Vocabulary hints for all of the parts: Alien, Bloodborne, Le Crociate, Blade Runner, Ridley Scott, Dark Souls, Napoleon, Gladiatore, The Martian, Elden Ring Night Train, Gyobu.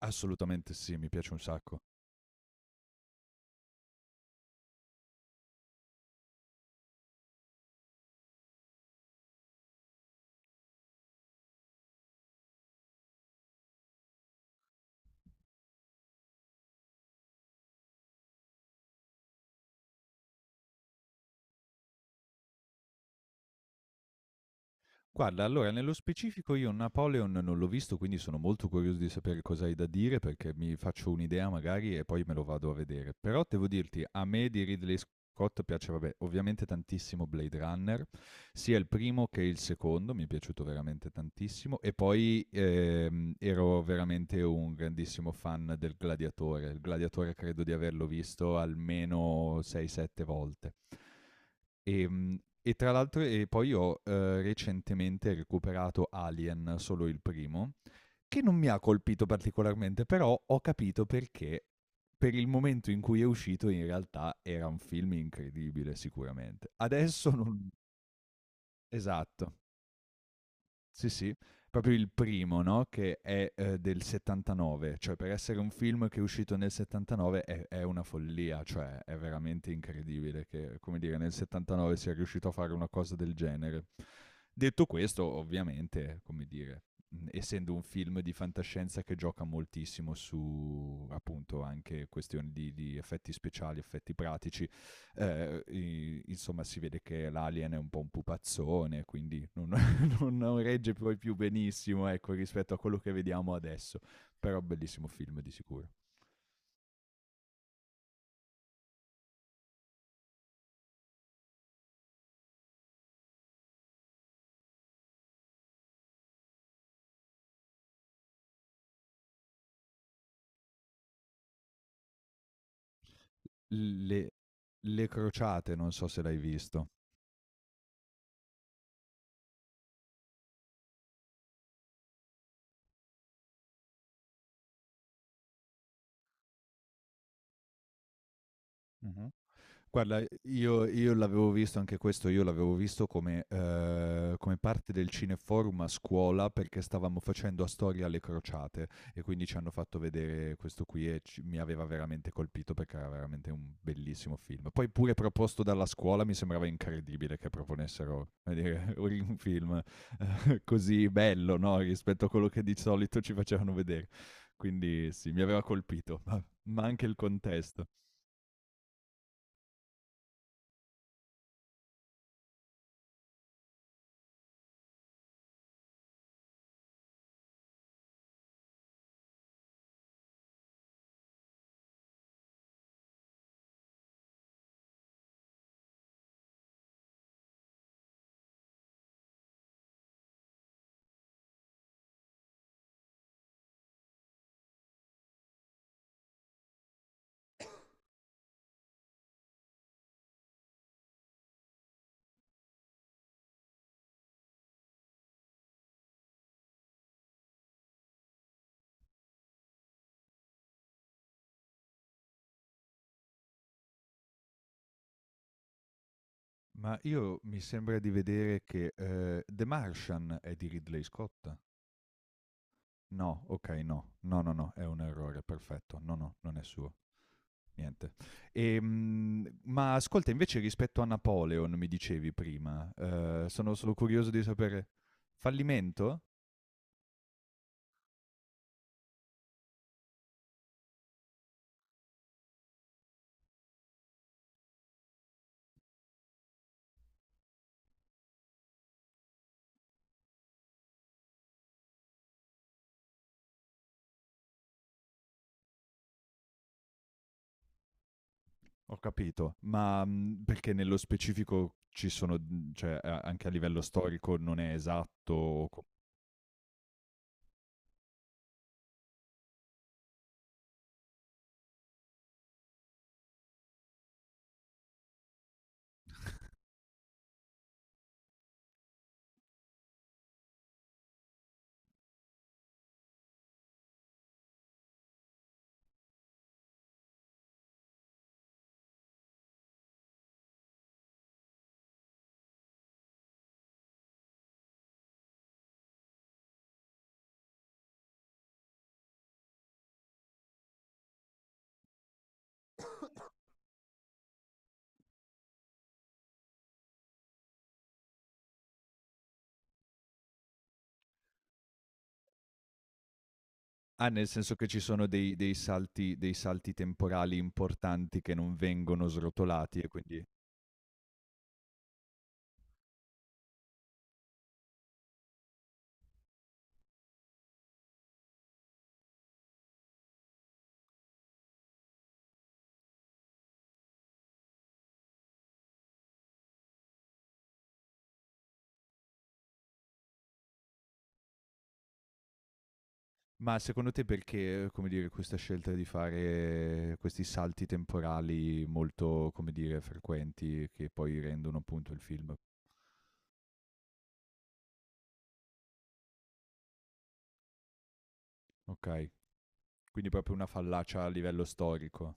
Assolutamente sì, mi piace un sacco. Guarda, allora nello specifico io Napoleon non l'ho visto, quindi sono molto curioso di sapere cosa hai da dire, perché mi faccio un'idea magari e poi me lo vado a vedere. Però devo dirti, a me di Ridley Scott piace, vabbè, ovviamente tantissimo Blade Runner, sia il primo che il secondo, mi è piaciuto veramente tantissimo. E poi ero veramente un grandissimo fan del Gladiatore. Il Gladiatore credo di averlo visto almeno 6-7 volte. Ehm, e tra l'altro e poi ho, recentemente recuperato Alien, solo il primo, che non mi ha colpito particolarmente, però ho capito perché per il momento in cui è uscito in realtà era un film incredibile sicuramente. Adesso non esatto, sì, sì, proprio il primo, no, che è, del '79, cioè per essere un film che è uscito nel '79 è una follia, cioè è veramente incredibile che, come dire, nel '79 sia riuscito a fare una cosa del genere. Detto questo, ovviamente, come dire, essendo un film di fantascienza che gioca moltissimo su appunto anche questioni di effetti speciali, effetti pratici, insomma si vede che l'alien è un po' un pupazzone, quindi non, non regge poi più benissimo ecco, rispetto a quello che vediamo adesso, però bellissimo film di sicuro. Le, le crociate, non so se l'hai visto. Mm-hmm. Guarda, io l'avevo visto anche questo, io l'avevo visto come come parte del cineforum a scuola, perché stavamo facendo a storia alle crociate e quindi ci hanno fatto vedere questo qui e ci mi aveva veramente colpito, perché era veramente un bellissimo film. Poi pure proposto dalla scuola, mi sembrava incredibile che proponessero, come dire, un film così bello, no, rispetto a quello che di solito ci facevano vedere. Quindi sì, mi aveva colpito, ma anche il contesto. Ma io mi sembra di vedere che, The Martian è di Ridley Scott? No, okay, no. No, no, no, è un errore, perfetto. No, no, non è suo. Niente. Ma ascolta, invece rispetto a Napoleon mi dicevi prima, sono solo curioso di sapere. Fallimento? Ho capito, ma, mhmm, perché nello specifico ci sono, mhmm, cioè a anche a livello storico non è esatto o co Ah, nel senso che ci sono dei dei salti temporali importanti che non vengono srotolati e quindi ma secondo te perché, come dire, questa scelta di fare questi salti temporali molto, come dire, frequenti che poi rendono appunto il film? Okay, quindi proprio una fallacia a livello storico.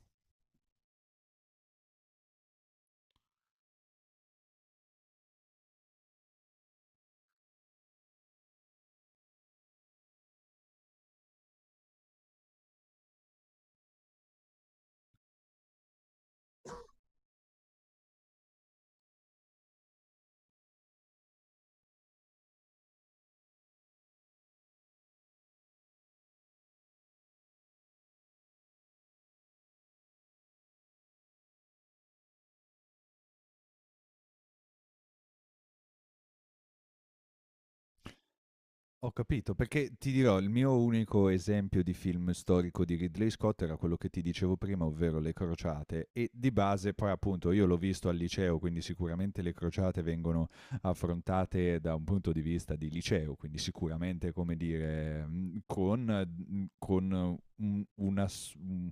Ho capito, perché ti dirò, il mio unico esempio di film storico di Ridley Scott era quello che ti dicevo prima, ovvero Le Crociate, e di base poi appunto io l'ho visto al liceo, quindi sicuramente Le Crociate vengono affrontate da un punto di vista di liceo, quindi sicuramente come dire, con,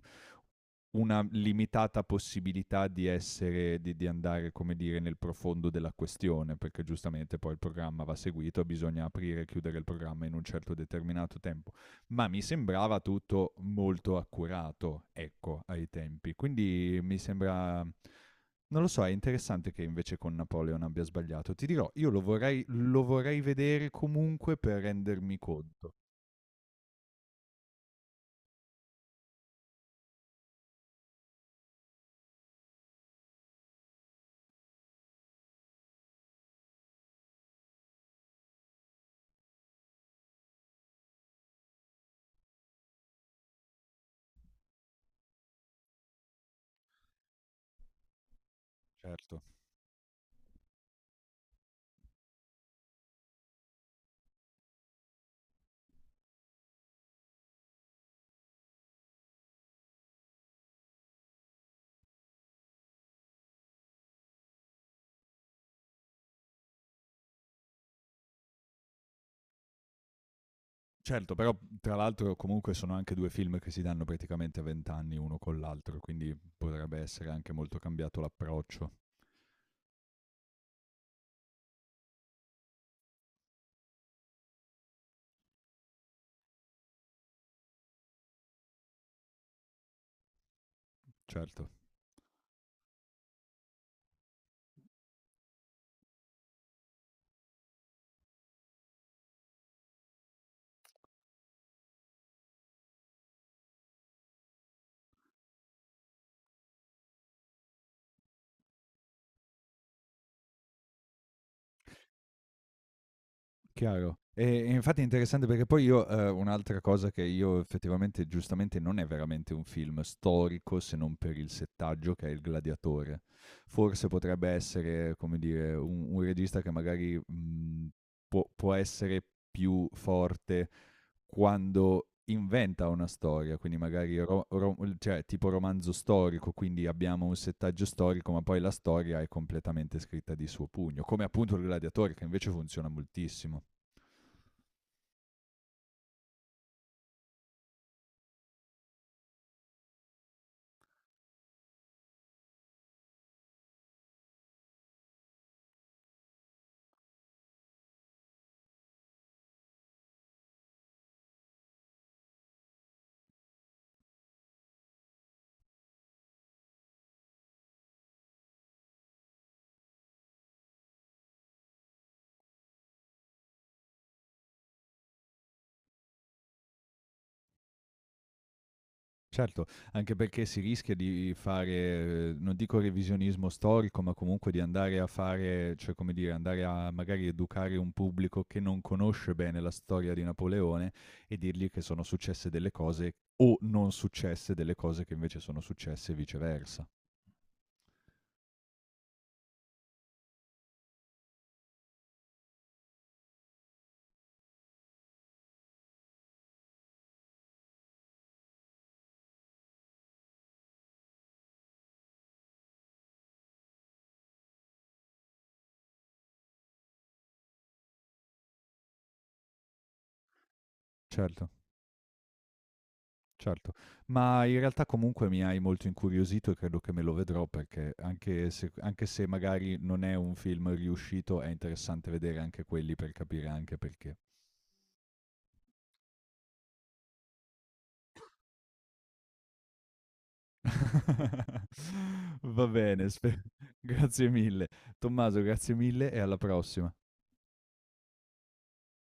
una limitata possibilità di essere, di andare, come dire, nel profondo della questione, perché giustamente poi il programma va seguito, bisogna aprire e chiudere il programma in un certo determinato tempo. Ma mi sembrava tutto molto accurato, ecco, ai tempi. Quindi mi sembra. Non lo so, è interessante che invece con Napoleon abbia sbagliato. Ti dirò, lo vorrei vedere comunque per rendermi conto. Certo. Certo, però tra l'altro comunque sono anche due film che si danno praticamente a 20 anni uno con l'altro, quindi potrebbe essere anche molto cambiato l'approccio, certo. Chiaro. E infatti è interessante perché poi io, un'altra cosa che io effettivamente giustamente non è veramente un film storico, se non per il settaggio che è Il gladiatore. Forse potrebbe essere, come dire, un regista che magari, mhmm, può essere più forte quando inventa una storia, quindi magari ro ro l cioè tipo romanzo storico, quindi abbiamo un settaggio storico, ma poi la storia è completamente scritta di suo pugno, come appunto Il gladiatore che invece funziona moltissimo. Certo, anche perché si rischia di fare, non dico revisionismo storico, ma comunque di andare a fare cioè come dire, andare a magari educare un pubblico che non conosce bene la storia di Napoleone e dirgli che sono successe delle cose o non successe delle cose che invece sono successe e viceversa. Certo. Certo, ma in realtà comunque mi hai molto incuriosito e credo che me lo vedrò, perché anche se magari non è un film riuscito, è interessante vedere anche quelli per capire anche perché. Va bene, grazie mille. Tommaso, grazie mille e alla prossima.